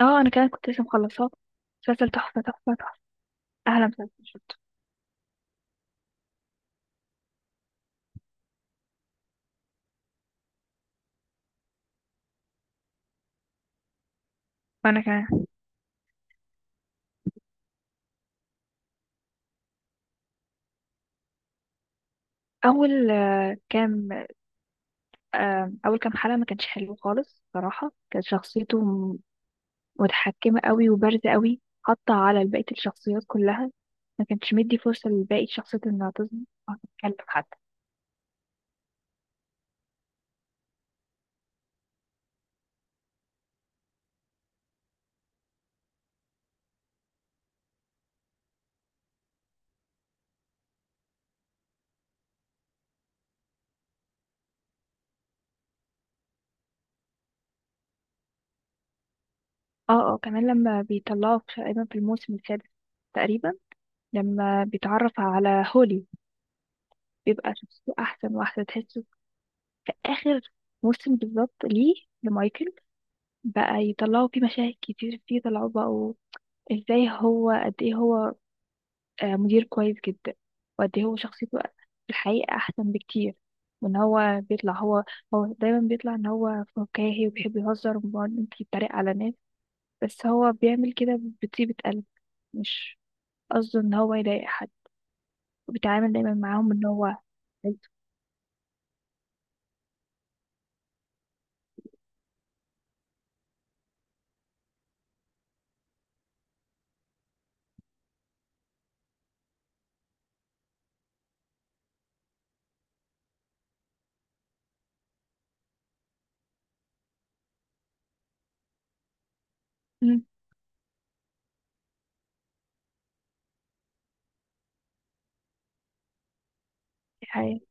اه، انا كمان كنت لسه مخلصاه. مسلسل تحفه تحفه تحفه، احلى مسلسل شفته. وانا كمان. اول آه، كام اول كام حلقه ما كانش حلو خالص صراحه، كانت شخصيته متحكمه قوي وبارزه قوي، حاطه على بقيه الشخصيات كلها. ما كانش مدي فرصه لباقي الشخصيات انها تظهر او تتكلم حتى. اه، اه، كمان لما بيطلعوا تقريبا في الموسم السادس، تقريبا، لما بيتعرف على هولي، بيبقى شخصيته احسن واحسن تحسه. في اخر موسم بالظبط، ليه؟ لمايكل بقى يطلعوا فيه مشاهد كتير، فيه طلعوا بقوا ازاي هو، قد ايه هو مدير كويس جدا، وقد ايه هو شخصيته في الحقيقة احسن بكتير. وان هو بيطلع هو هو دايما بيطلع ان هو فكاهي وبيحب يهزر وممكن يتريق على ناس، بس هو بيعمل كده بطيبة قلب. مش قصده ان هو يضايق حد، وبيتعامل دايما معاهم ان هو. مم. دي حقيقة.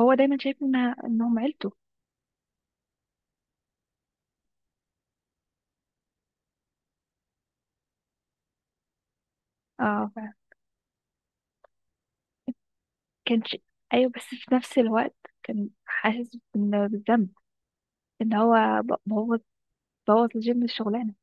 هو دايما شايف انهم عيلته. اه، كان ش... ايوه، بس في نفس الوقت كان حاسس بالذنب، ان هو ب- بوظ بوظ لجيم الشغلانة.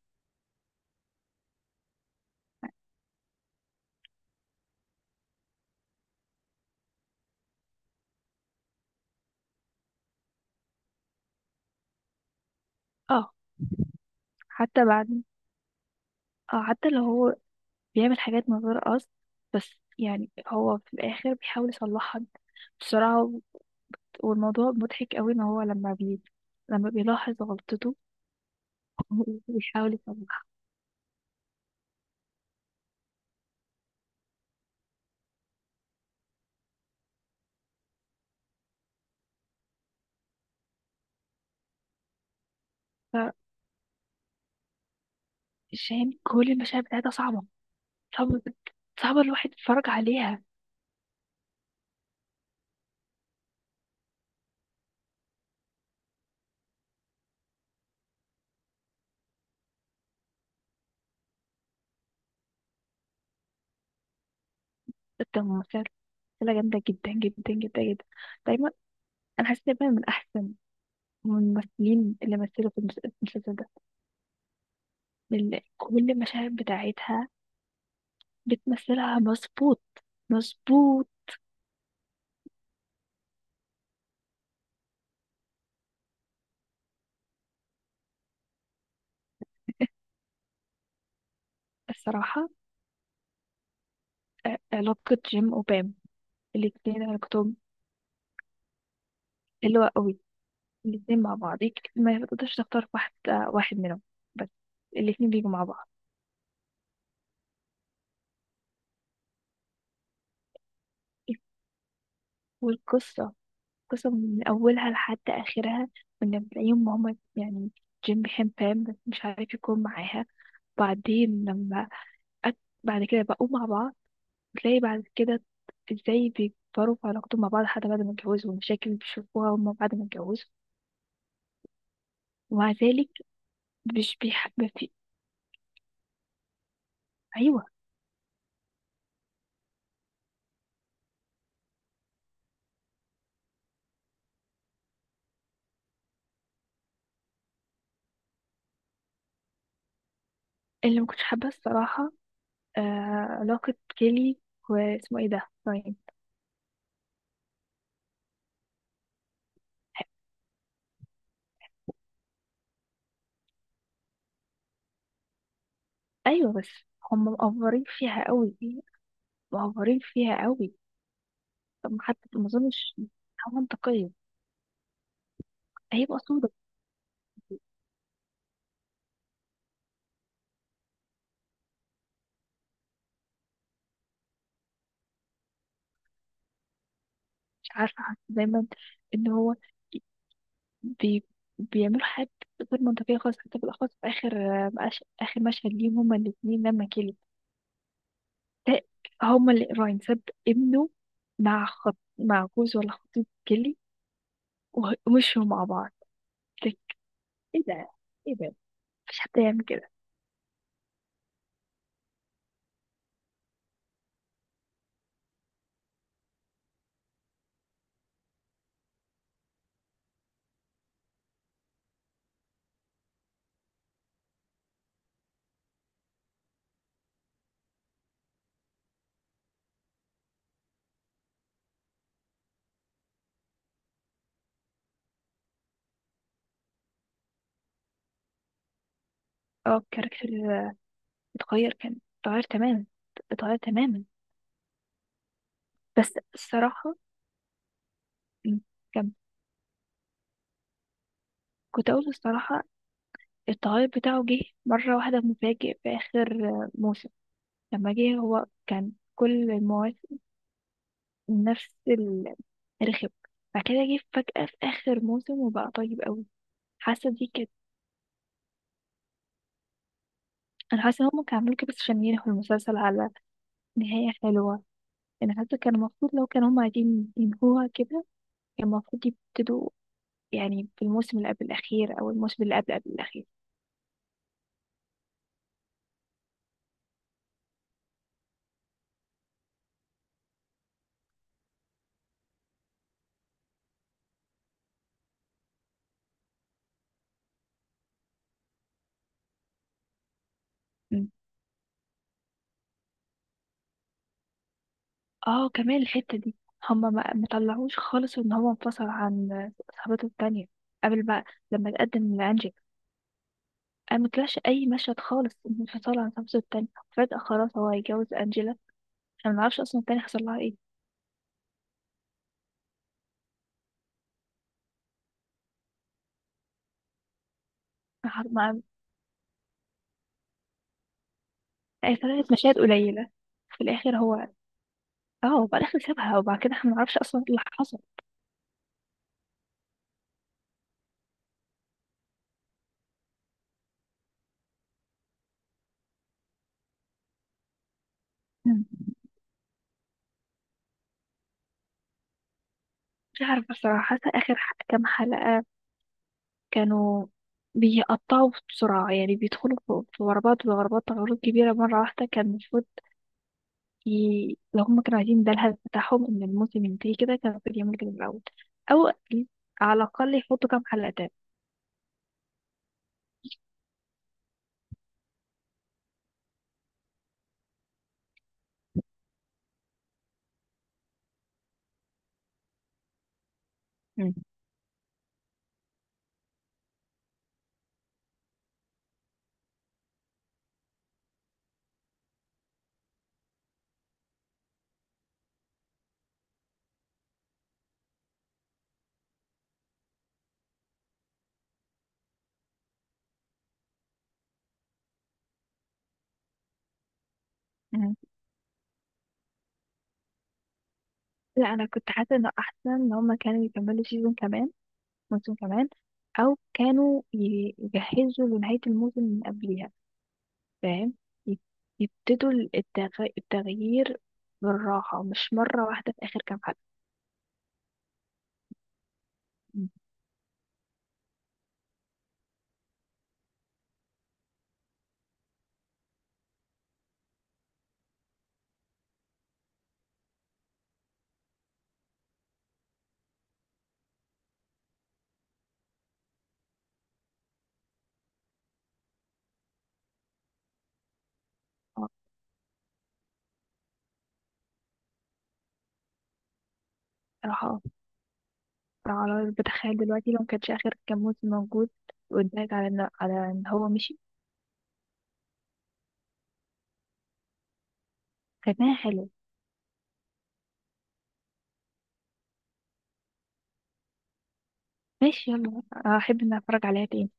اه حتى بعد اه حتى لو هو بيعمل حاجات من غير قصد، بس يعني هو في الآخر بيحاول يصلحها بسرعة والموضوع مضحك قوي إن هو لما بيلاحظ غلطته وبيحاول يصلحها. فشاهين كل المشاهد بتاعتها صعبة، صعبة، صعبة الواحد يتفرج عليها. بجد ممثلة، ممثلة جامدة جدا جدا جدا جدا. دايما، أنا حاسة دايما من أحسن، من الممثلين اللي مثلوا في المسلسل ده. كل المشاهد بتاعتها بتمثلها مظبوط، مظبوط. الصراحة، علاقة جيم وبام، الاتنين علاقتهم حلوة قوي. الاتنين مع بعض ما تقدرش تختار واحد منهم، بس الاتنين بيجوا مع بعض، والقصة قصة من أولها لحد آخرها. من بتلاقيهم هما يعني، جيم بيحب بام بس مش عارف يكون معاها، بعدين لما أك... بعد كده بقوا مع بعض، تلاقي بعد كده ازاي بيكبروا في علاقتهم مع بعض، حتى بعد ما اتجوزوا، والمشاكل اللي بيشوفوها هما بعد ما اتجوزوا، ومع ذلك مش بيح... ما في... أيوة. اللي ما كنتش حابه الصراحه، آه علاقه كيلي واسمه ايه ده، راين. ايوه، بس هم مقفرين فيها قوي، مقفرين فيها قوي. طب ما حتى ما اظنش إنها منطقيه. هي مقصوده. مش عارفه، حاسة دايما ان هو بي بيعملوا حاجات غير منطقيه خالص، حتى بالاخص في اخر، اخر مشهد ليهم هما الاثنين لما كيلي ت- هما اللي راين ساب ابنه مع جوز ولا خطيب كيلي، ومشوا مع بعض. ايه ده، ايه ده، مفيش حد يعمل كده. اه، الكاركتر اتغير كان اتغير تماما، اتغير تماما. بس الصراحة، م، كم كنت أقول الصراحة، التغير بتاعه جه مرة واحدة مفاجئ في آخر موسم. لما جه هو، كان كل المواسم نفس الرخم، بعد كده جه فجأة في آخر موسم وبقى طيب أوي. حاسة دي كانت، أنا حاسة إن هما كانوا عملوا كده بس عشان ينهوا المسلسل على نهاية حلوة. أنا حاسة كان المفروض، لو كانوا هما عايزين ينهوها كده، كان المفروض يبتدوا يعني في الموسم اللي قبل الأخير أو الموسم اللي قبل قبل الأخير. م. اه، كمان الحتة دي هما ما طلعوش خالص ان هو انفصل عن صاحبته التانية قبل، بقى لما تقدم لأنجيلا. انا ما طلعش اي مشهد خالص من انفصال عن صاحبته التانية، فجأة خلاص هو هيتجوز أنجيلا. احنا ما نعرفش اصلا التانية حصل لها ايه. مع مع- أي ثلاث مشاهد قليلة في الاخر. هو اه وبعد الاخر سابها، وبعد كده احنا ما نعرفش اصلا ايه اللي حصل. م. مش عارفة بصراحة، حاسة اخر كام حلقة كانوا بيقطعوا بسرعة، يعني بيدخلوا في غربات وغربات غروب كبيرة مرة واحدة. كان المفروض لو هما كانوا عايزين ده الهدف بتاعهم إن الموسم ينتهي كده، كان المفروض يعملوا كده من الأول، أو على الأقل يحطوا كام حلقة تاني. مم. مم. لا، أنا كنت حاسة إنه أحسن إن هما كانوا يكملوا سيزون كمان، موسم كمان، أو كانوا يجهزوا لنهاية الموسم من قبلها، فاهم؟ يب- يبتدوا التغيير بالراحة، مش مرة واحدة في آخر كام حلقة. مم. صراحة صراحة بتخيل دلوقتي لو مكانش آخر كام موسم موجود، واتضايق على إن هو مشي. كانت نهاية حلوة. ماشي، يلا، أحب إن أتفرج عليها تاني.